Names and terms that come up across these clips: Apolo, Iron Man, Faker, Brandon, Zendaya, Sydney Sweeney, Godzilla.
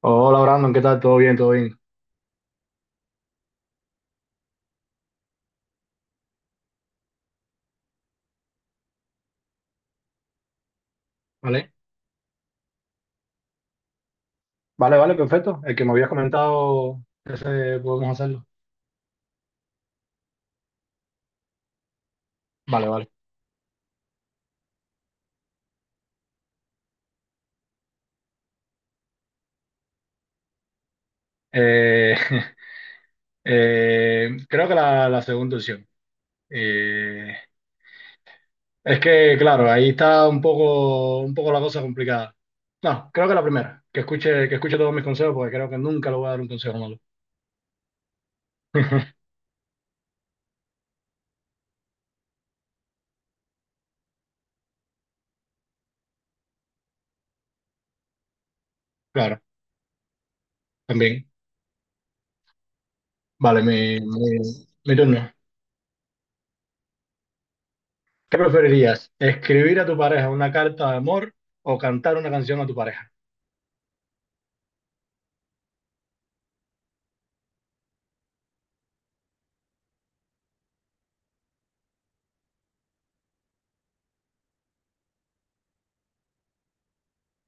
Hola, Brandon, ¿qué tal? ¿Todo bien? ¿Vale? Vale, perfecto. El que me habías comentado, ese podemos hacerlo. Vale, vale. Eh, creo que la segunda opción. Eh, es que, claro, ahí está un poco la cosa complicada. No, creo que la primera, que escuche todos mis consejos, porque creo que nunca le voy a dar un consejo malo. Claro, también. Vale, mi turno. ¿Qué preferirías? ¿Escribir a tu pareja una carta de amor o cantar una canción a tu pareja?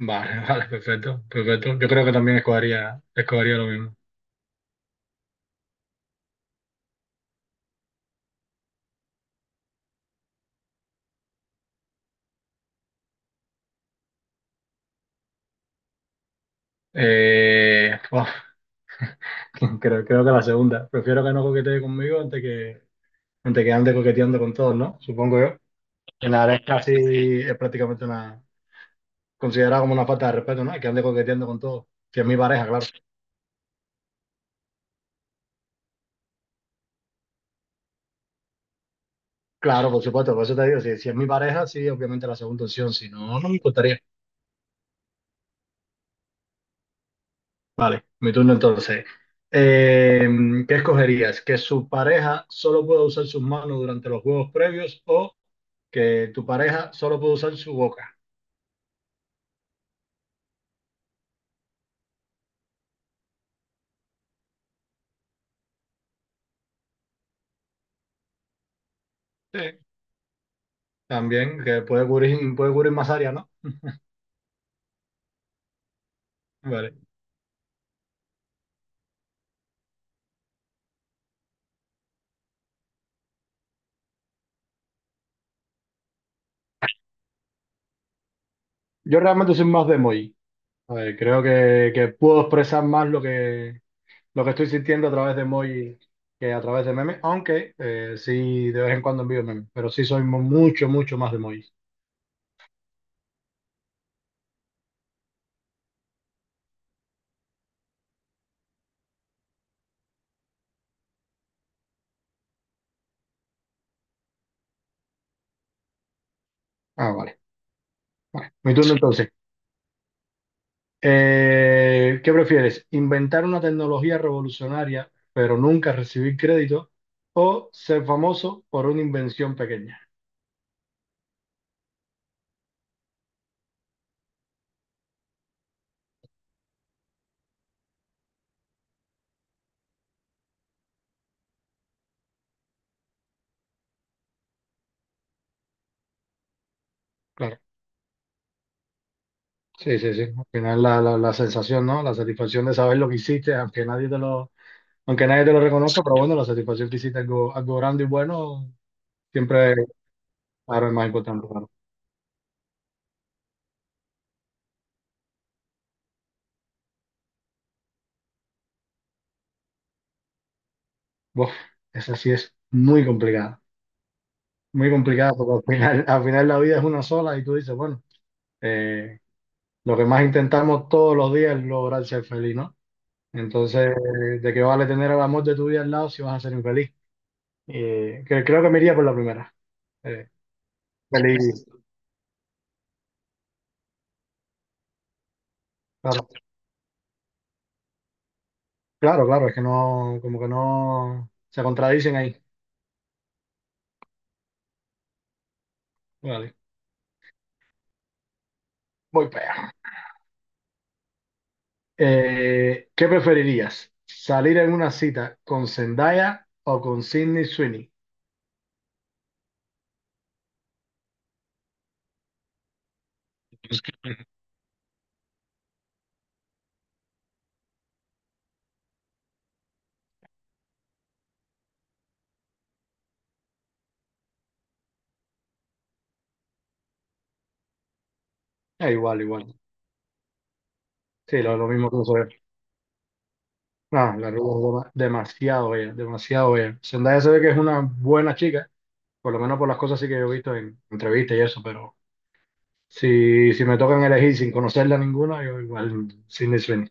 Vale, vale, perfecto, perfecto. Yo creo que también escogería lo mismo. Uf, creo que la segunda. Prefiero que no coquetee conmigo antes que ande coqueteando con todos, ¿no? Supongo yo. Que nada, es prácticamente considerada como una falta de respeto, ¿no? Que ande coqueteando con todos. Si es mi pareja, claro. Claro, por supuesto, por eso te digo, si es mi pareja, sí, obviamente la segunda opción, si no, no me importaría. Vale, mi turno entonces. Eh, ¿Qué escogerías? ¿Que su pareja solo pueda usar sus manos durante los juegos previos o que tu pareja solo pueda usar su boca? Sí. También, que puede cubrir más área, ¿no? Vale. Yo realmente soy más de emoji. A ver, creo que puedo expresar más lo que estoy sintiendo a través de emoji que a través de memes, aunque sí de vez en cuando envío memes, pero sí mucho más de emoji. Ah, vale. Vale, mi turno entonces. ¿Qué prefieres? ¿Inventar una tecnología revolucionaria pero nunca recibir crédito? ¿O ser famoso por una invención pequeña? Claro, sí, sí, sí. Al final la sensación, ¿no? La satisfacción de saber lo que hiciste, aunque nadie te lo reconozca, pero bueno, la satisfacción que hiciste algo, algo grande y bueno, siempre, claro, es más importante, claro. Buf, esa sí es muy complicada porque al final la vida es una sola y tú dices, bueno. eh, Lo que más intentamos todos los días es lograr ser feliz, ¿no? Entonces, ¿de qué vale tener al amor de tu vida al lado si vas a ser infeliz? Creo que me iría por la primera. Eh, feliz, claro, claro, claro, es que no, como que no se contradicen ahí. Vale, voy para allá. ¿Qué preferirías? ¿Salir en una cita con Zendaya o con Sydney Sweeney? Igual. Sí, lo mismo que nosotros. No, la rubia es demasiado bella, demasiado bella. Zendaya se ve que es una buena chica, por lo menos por las cosas sí que yo he visto en entrevistas y eso, pero si me tocan elegir sin conocerla ninguna, yo igual Sydney Sweeney.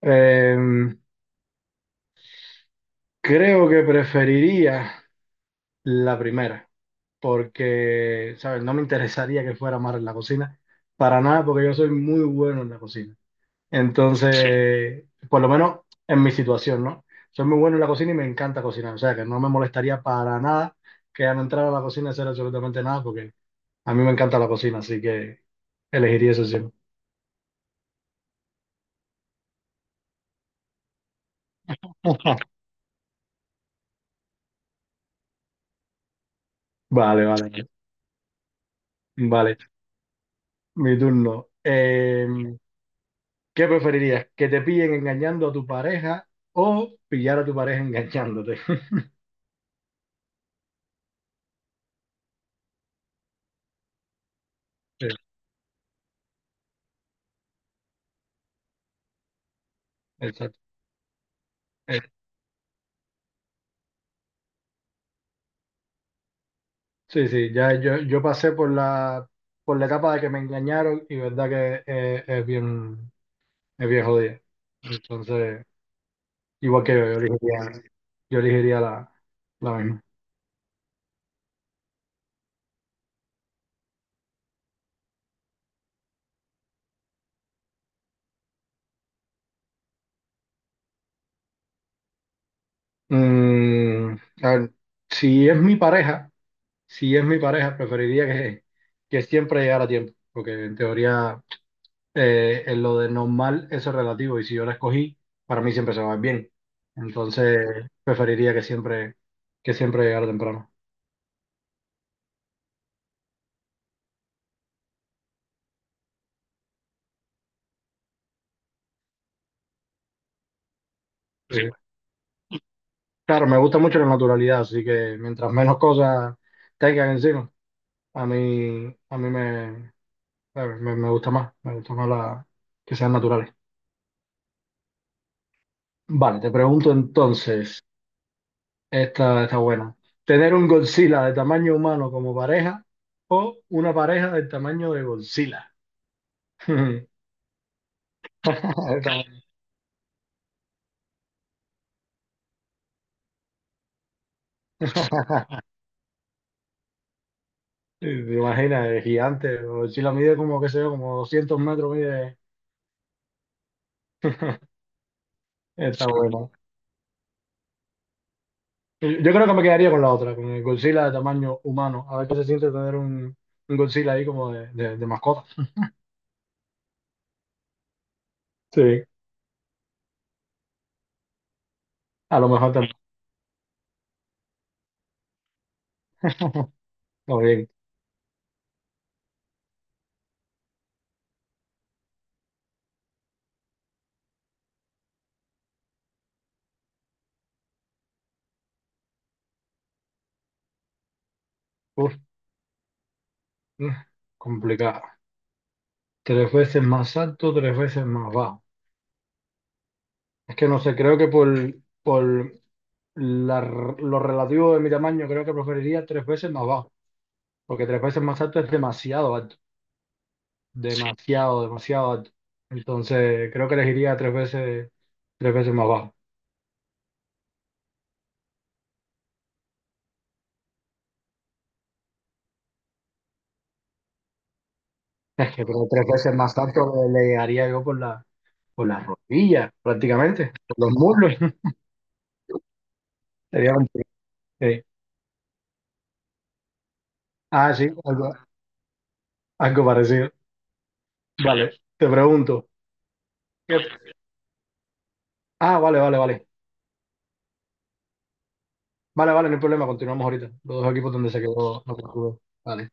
Eh, creo que preferiría la primera, porque, ¿sabes? No me interesaría que fuera más en la cocina, para nada, porque yo soy muy bueno en la cocina. Sí. Entonces, por lo menos en mi situación, ¿no? Soy muy bueno en la cocina y me encanta cocinar, o sea que no me molestaría para nada que al entrar a la cocina hacer absolutamente nada, porque a mí me encanta la cocina, así que elegiría eso siempre. Vale, vale, vale. Vale, mi turno. ¿Qué preferirías? ¿Que te pillen engañando a tu pareja o pillar a tu pareja engañándote? Sí. Exacto. Eh, sí, sí, ya yo pasé por por la etapa de que me engañaron y verdad que es bien jodida. Entonces, igual que yo yo elegiría la misma. Mm, a ver, si es mi pareja. si es mi pareja, preferiría que siempre llegara a tiempo, porque en teoría en lo de normal eso es relativo y si yo la escogí, para mí siempre se va a ver bien. Entonces, que siempre llegara temprano. Sí. Claro, me gusta mucho la naturalidad, así que mientras menos cosas tengan encima, a mí me, me, me gusta más, que sean naturales. Vale, te pregunto entonces. Está buena. Tener un Godzilla de tamaño humano como pareja o una pareja del tamaño de Godzilla. Está- ¿te imaginas, el gigante? Godzilla mide como, qué sé yo, como 200 metros mide. Está bueno. Yo creo que me quedaría con la otra, con el Godzilla de tamaño humano. A ver qué se siente tener un Godzilla ahí como de mascota. Sí, a lo mejor también. Está bien. Uf, mm, complicado. Tres veces más alto, tres veces más bajo. Es que no sé, creo que por lo relativo de mi tamaño, creo que preferiría tres veces más bajo, porque tres veces más alto es demasiado alto. Sí. Demasiado, demasiado alto. Entonces, creo que elegiría tres veces más bajo. Es que pero tres veces más alto le llegaría yo por por las rodillas, prácticamente, por los muslos. Sería un- sí. Ah, sí, algo, algo parecido. Vale, te pregunto. ¿qué- Ah, vale, vale, vale. Vale, vale, no hay problema, continuamos ahorita. Los dos equipos donde se quedó, no me acuerdo. Vale.